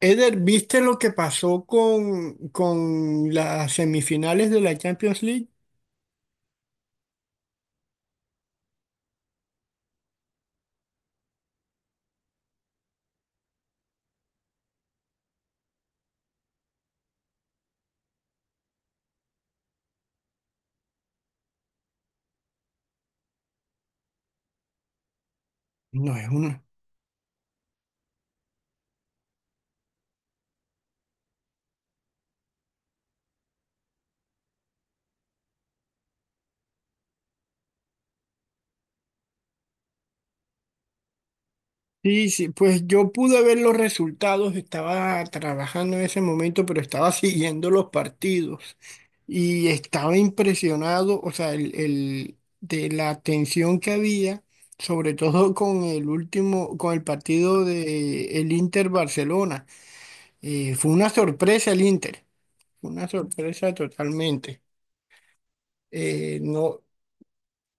Eder, ¿viste lo que pasó con las semifinales de la Champions League? No, es una. Sí, sí, pues yo pude ver los resultados, estaba trabajando en ese momento, pero estaba siguiendo los partidos y estaba impresionado, o sea, de la tensión que había, sobre todo con el último, con el partido de el Inter Barcelona. Fue una sorpresa el Inter, fue una sorpresa totalmente. No,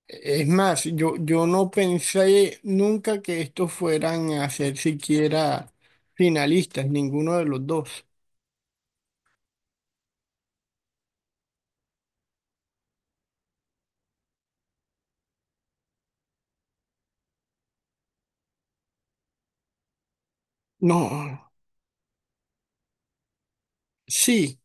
Es más, yo no pensé nunca que estos fueran a ser siquiera finalistas, ninguno de los dos. No, sí,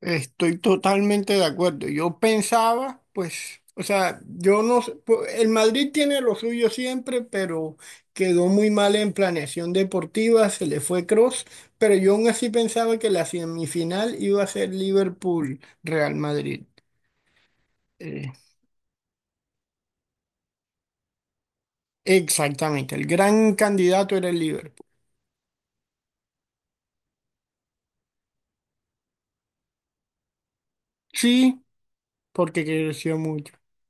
estoy totalmente de acuerdo. Yo pensaba, pues, o sea, yo no sé, pu- el Madrid tiene lo suyo siempre, pero quedó muy mal en planeación deportiva, se le fue Cross, pero yo aún así pensaba que la semifinal iba a ser Liverpool-Real Madrid. Eh, Exactamente, el gran candidato era el Liverpool. Sí, porque creció mucho.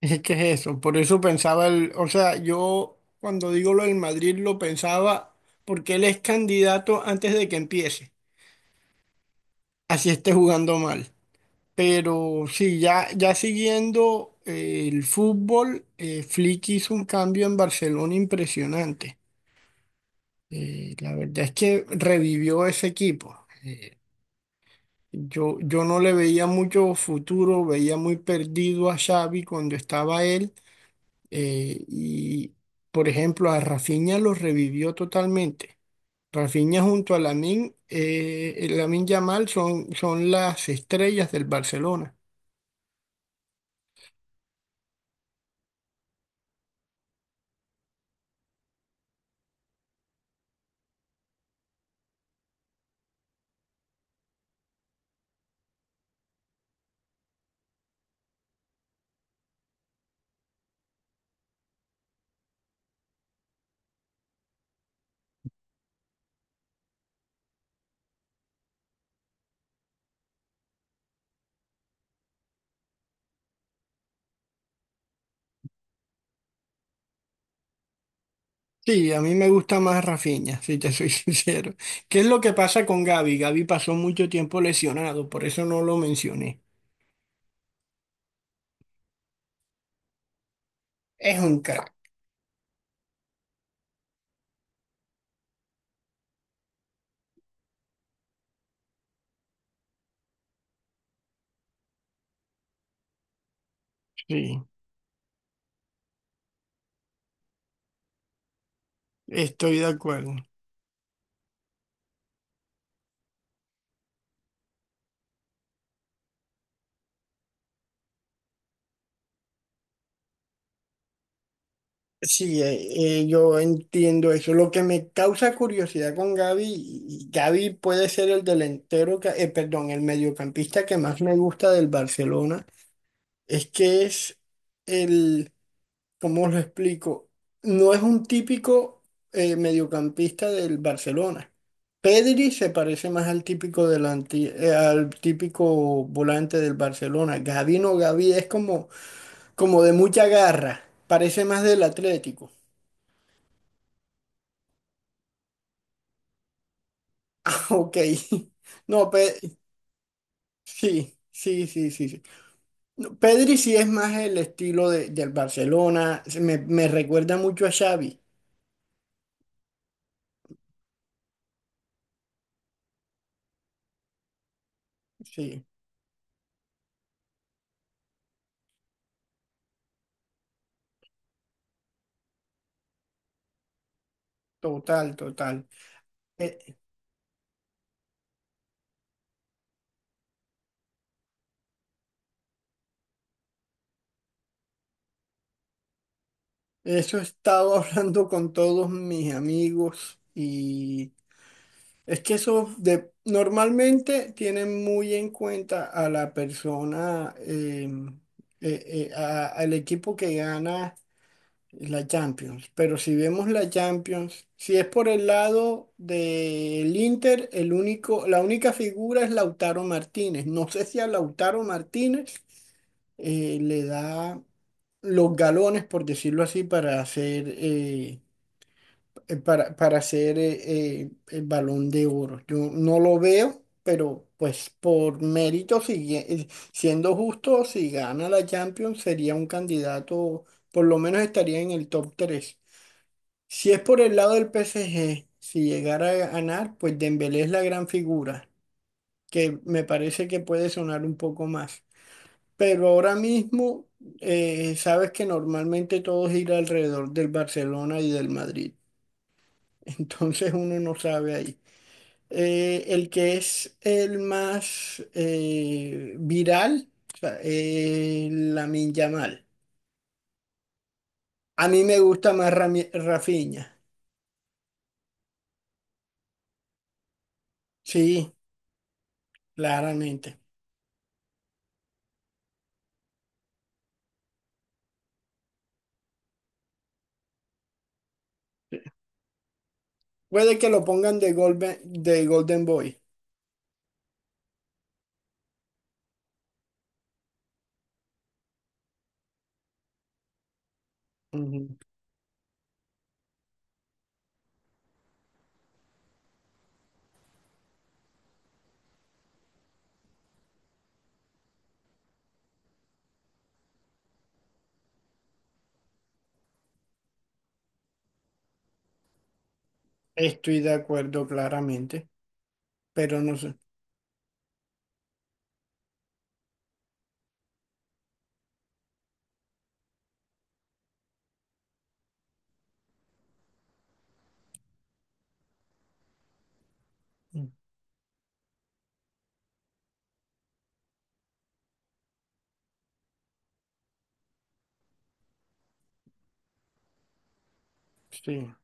Es que es eso, por eso pensaba el, o sea, yo cuando digo lo del Madrid lo pensaba porque él es candidato antes de que empiece, así esté jugando mal. Pero sí, ya siguiendo el fútbol, Flick hizo un cambio en Barcelona impresionante. La verdad es que revivió ese equipo. Yo no le veía mucho futuro, veía muy perdido a Xavi cuando estaba él y, por ejemplo, a Rafinha lo revivió totalmente. Rafinha junto a Lamine, Lamine Yamal son las estrellas del Barcelona. Sí, a mí me gusta más Rafinha, si te soy sincero. ¿Qué es lo que pasa con Gavi? Gavi pasó mucho tiempo lesionado, por eso no lo mencioné. Es un crack. Sí, estoy de acuerdo. Sí, yo entiendo eso. Lo que me causa curiosidad con Gaby, y Gaby puede ser el delantero, que- perdón, el mediocampista que más me gusta del Barcelona, es que es el, ¿cómo lo explico? No es un típico mediocampista del Barcelona. Pedri se parece más al típico delante, al típico volante del Barcelona. Gaby no, Gaby es como, como de mucha garra, parece más del Atlético. Ok. No, Pe- sí, sí, sí, sí, sí. No, Pedri sí es más el estilo de- del Barcelona. Se Me recuerda mucho a Xavi. Sí, total, total. Eh, Eso he estado hablando con todos mis amigos y es que eso de, normalmente tienen muy en cuenta a la persona, eh, a- al equipo que gana. La Champions, pero si vemos la Champions, si es por el lado del Inter, el único, la única figura es Lautaro Martínez. No sé si a Lautaro Martínez le da los galones, por decirlo así, para hacer, para, para hacer el Balón de Oro. Yo no lo veo, pero pues por mérito, sigue- siendo justo, si gana la Champions, sería un candidato, por lo menos estaría en el top 3. Si es por el lado del PSG, si llegara a ganar, pues Dembélé es la gran figura, que me parece que puede sonar un poco más. Pero ahora mismo, sabes que normalmente todo gira alrededor del Barcelona y del Madrid. Entonces uno no sabe ahí. El que es el más viral, o sea, Lamine Yamal. A mí me gusta más Rami- Rafinha. Sí, claramente. Puede que lo pongan de Golden Boy. Ujú. Estoy de acuerdo claramente, pero no sé. Mm, sí.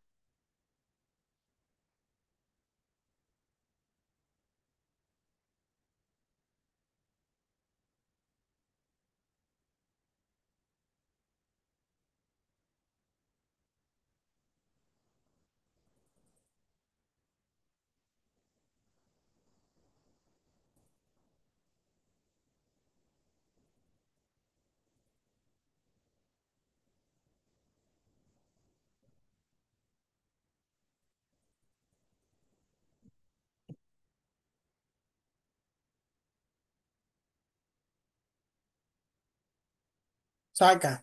Saca,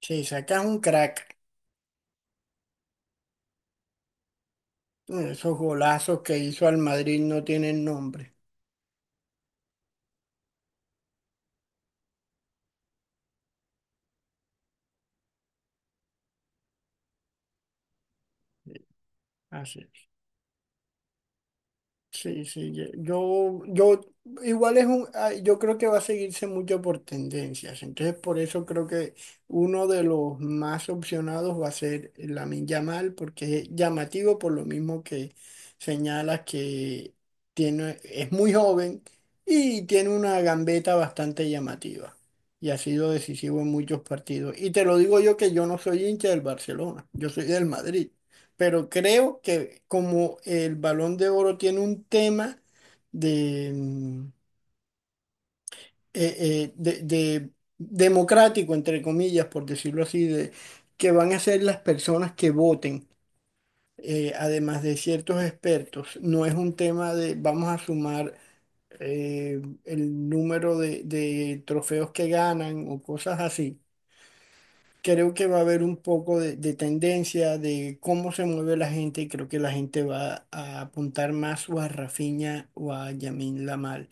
sí, Saca es un crack. Mm, esos golazos que hizo al Madrid no tienen nombre. Así. Sí, sí, ye- yo igual es un, ah, yo creo que va a seguirse mucho por tendencias, entonces por eso creo que uno de los más opcionados va a ser Lamine Yamal, porque es llamativo por lo mismo que señalas que tiene, es muy joven y tiene una gambeta bastante llamativa y ha sido decisivo en muchos partidos. Y te lo digo yo que yo no soy hincha del Barcelona, yo soy del Madrid, pero creo que como el Balón de Oro tiene un tema de, mm, eh, de democrático, entre comillas, por decirlo así, de que van a ser las personas que voten, además de ciertos expertos. No es un tema de vamos a sumar el número de trofeos que ganan o cosas así. Creo que va a haber un poco de tendencia de cómo se mueve la gente y creo que la gente va a apuntar más o a Rafinha o a Yamin Lamal.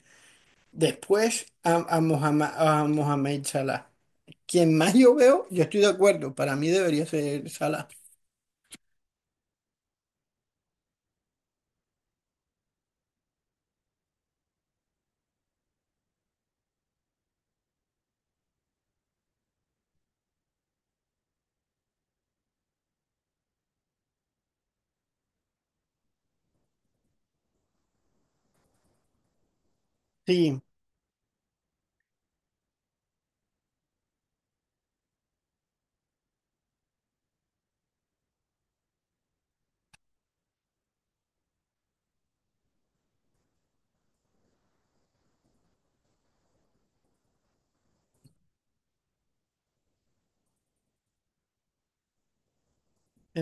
Después Mohamed, a Mohamed Salah. Quien más yo veo, yo estoy de acuerdo, para mí debería ser Salah. Sí,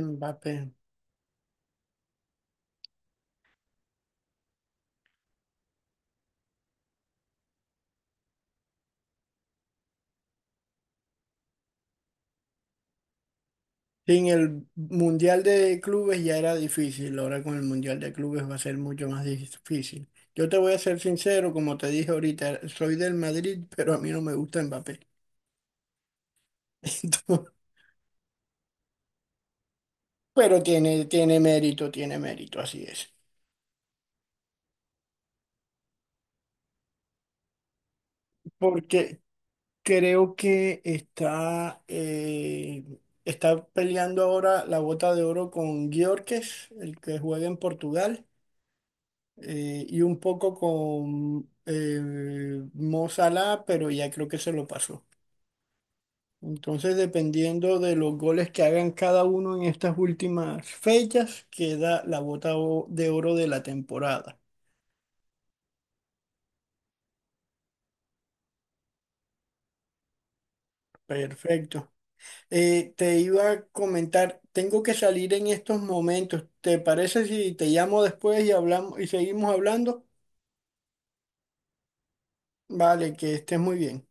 Mbappé. Sin el Mundial de Clubes ya era difícil, ahora con el Mundial de Clubes va a ser mucho más difícil. Yo te voy a ser sincero, como te dije ahorita, soy del Madrid, pero a mí no me gusta Mbappé. Pero tiene, tiene mérito, así es. Porque creo que está, está peleando ahora la bota de oro con Gyökeres, el que juega en Portugal, y un poco con Mo Salah, pero ya creo que se lo pasó. Entonces, dependiendo de los goles que hagan cada uno en estas últimas fechas, queda la bota o- de oro de la temporada. Perfecto. Te iba a comentar, tengo que salir en estos momentos. ¿Te parece si te llamo después y hablamos y seguimos hablando? Vale, que estés muy bien.